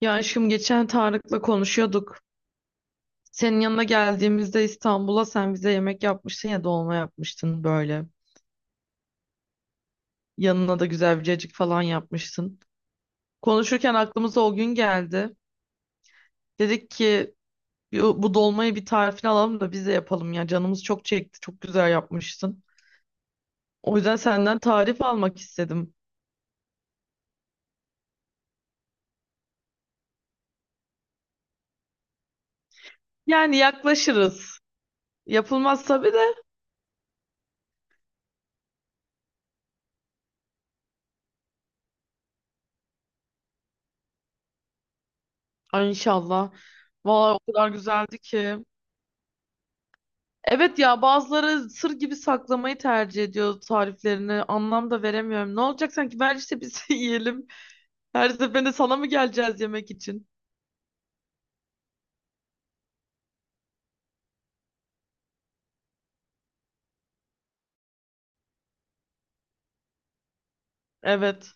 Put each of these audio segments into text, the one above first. Ya aşkım geçen Tarık'la konuşuyorduk. Senin yanına geldiğimizde İstanbul'a sen bize yemek yapmıştın ya, dolma yapmıştın böyle. Yanına da güzel bir cacık falan yapmıştın. Konuşurken aklımıza o gün geldi. Dedik ki bu dolmayı bir tarifini alalım da biz de yapalım ya. Canımız çok çekti. Çok güzel yapmıştın. O yüzden senden tarif almak istedim. Yani yaklaşırız. Yapılmaz tabii de. Ay inşallah. Vallahi o kadar güzeldi ki. Evet ya, bazıları sır gibi saklamayı tercih ediyor tariflerini. Anlam da veremiyorum. Ne olacak sanki, ver işte biz yiyelim. Her seferinde sana mı geleceğiz yemek için? Evet.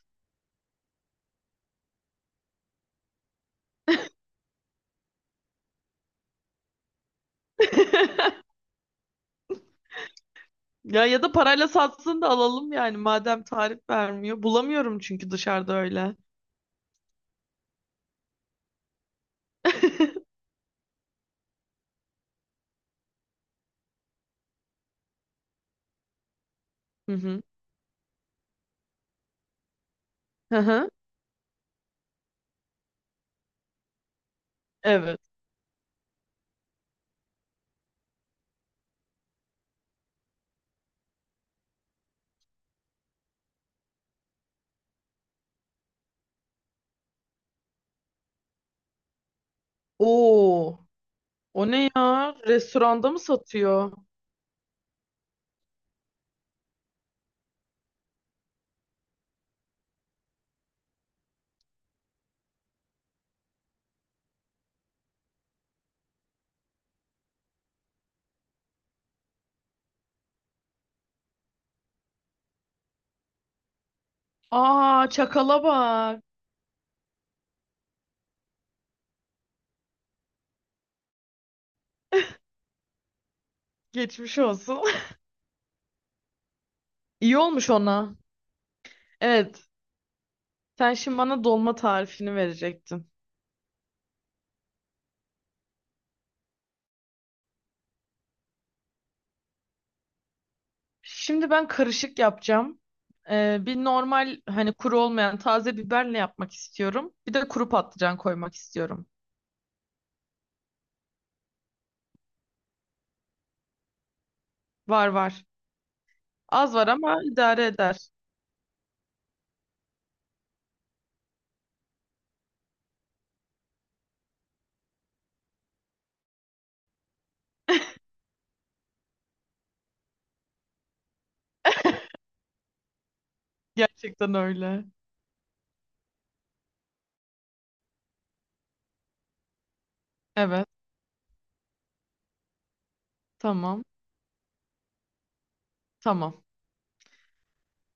Ya ya da parayla satsın da alalım yani, madem tarif vermiyor. Bulamıyorum çünkü dışarıda öyle. Hı hı. Hı hı. Evet. Oo. O ne ya? Restoranda mı satıyor? Aa çakala bak. Geçmiş olsun. İyi olmuş ona. Evet. Sen şimdi bana dolma tarifini verecektin. Şimdi ben karışık yapacağım. Bir normal hani kuru olmayan taze biberle yapmak istiyorum. Bir de kuru patlıcan koymak istiyorum. Var var. Az var ama idare eder. Gerçekten öyle. Evet. Tamam. Tamam.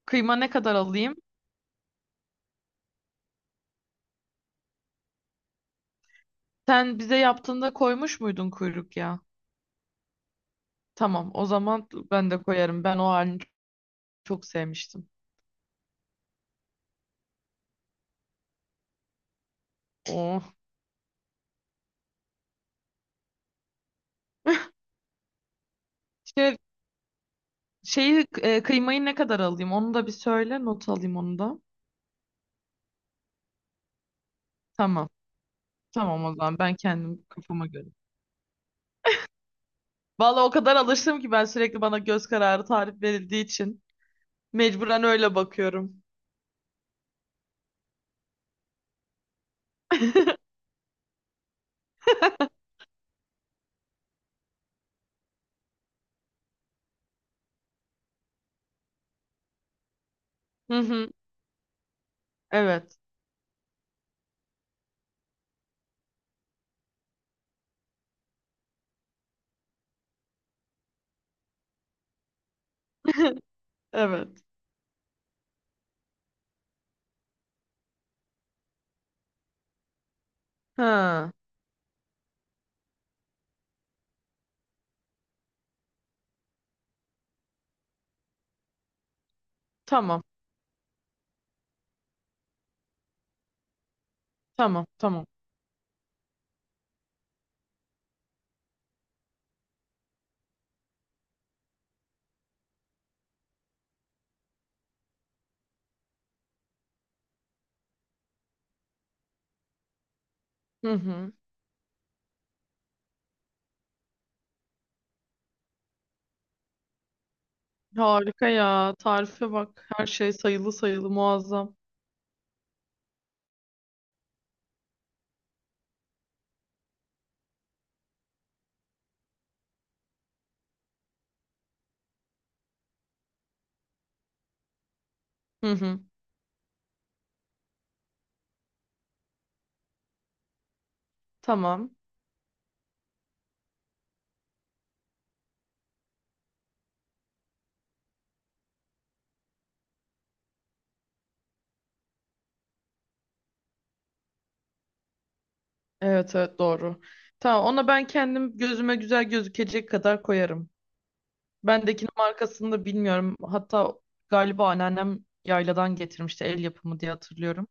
Kıyma ne kadar alayım? Sen bize yaptığında koymuş muydun kuyruk ya? Tamam. O zaman ben de koyarım. Ben o halini çok sevmiştim. Oh. Şey, şeyi kıymayı ne kadar alayım? Onu da bir söyle. Not alayım onu da. Tamam. Tamam o zaman ben kendim kafama göre. Vallahi o kadar alıştım ki ben sürekli bana göz kararı tarif verildiği için mecburen öyle bakıyorum. Hı hı. Evet. Evet. Ha. Tamam. Tamam. Tamam. Hı hı. Harika ya. Tarife bak. Her şey sayılı sayılı muazzam. Hı hı. Tamam. Evet evet doğru. Tamam, ona ben kendim gözüme güzel gözükecek kadar koyarım. Bendekinin markasını da bilmiyorum. Hatta galiba anneannem yayladan getirmişti, el yapımı diye hatırlıyorum.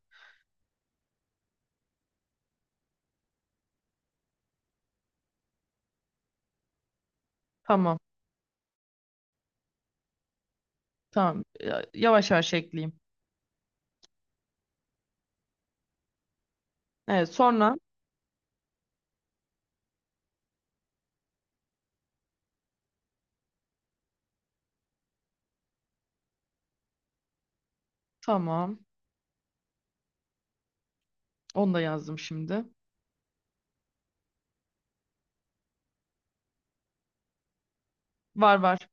Tamam, tamam. Ya- yavaş yavaş ekleyeyim. Evet, sonra tamam. Onu da yazdım şimdi. Var var.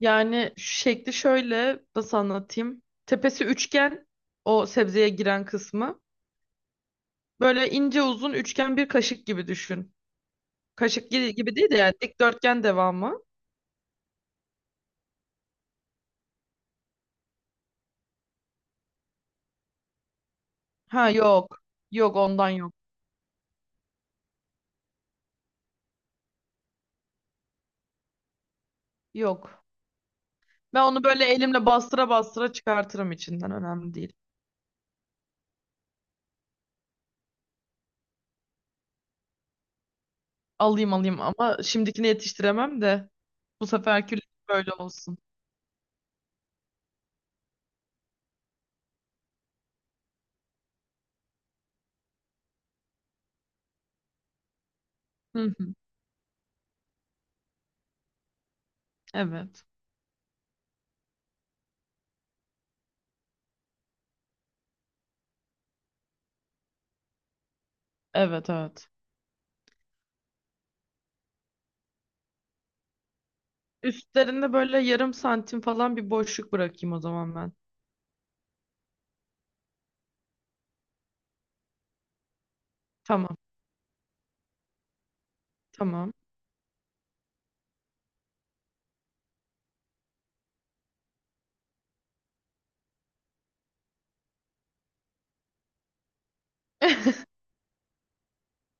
Yani şekli şöyle, nasıl anlatayım? Tepesi üçgen, o sebzeye giren kısmı. Böyle ince uzun üçgen bir kaşık gibi düşün. Kaşık gibi gibi değil de yani dikdörtgen devamı. Ha yok. Yok ondan yok. Yok. Ben onu böyle elimle bastıra bastıra çıkartırım içinden. Önemli değil. Alayım alayım ama şimdikini yetiştiremem de, bu seferki böyle olsun. Hı hı. Evet. Evet evet. Üstlerinde böyle yarım santim falan bir boşluk bırakayım o zaman ben. Tamam. Tamam.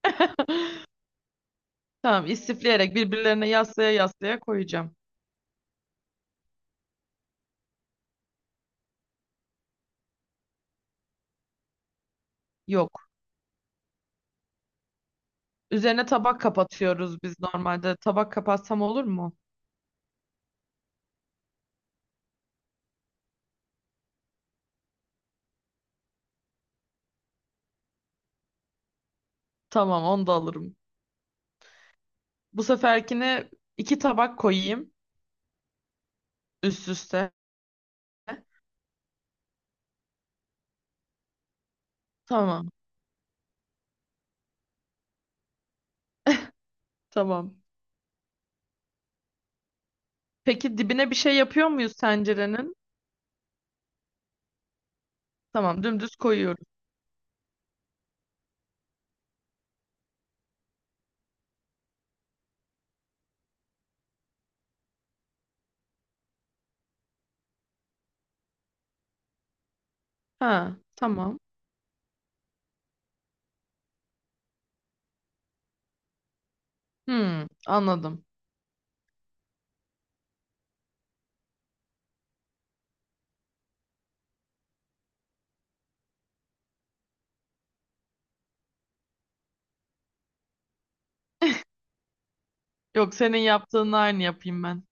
Tamam, istifleyerek birbirlerine yaslaya yaslaya koyacağım. Yok. Üzerine tabak kapatıyoruz biz normalde. Tabak kapatsam olur mu? Tamam, onu da alırım. Bu seferkine iki tabak koyayım üst üste. Tamam, tamam. Peki dibine bir şey yapıyor muyuz tencerenin? Tamam, dümdüz koyuyoruz. Ha, tamam. Hmm, anladım. Yok, senin yaptığın aynı yapayım ben.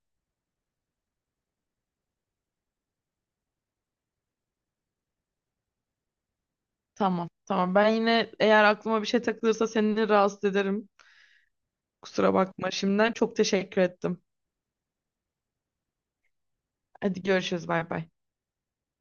Tamam, tamam. Ben yine eğer aklıma bir şey takılırsa seni rahatsız ederim. Kusura bakma şimdiden. Çok teşekkür ettim. Hadi görüşürüz, bay bay.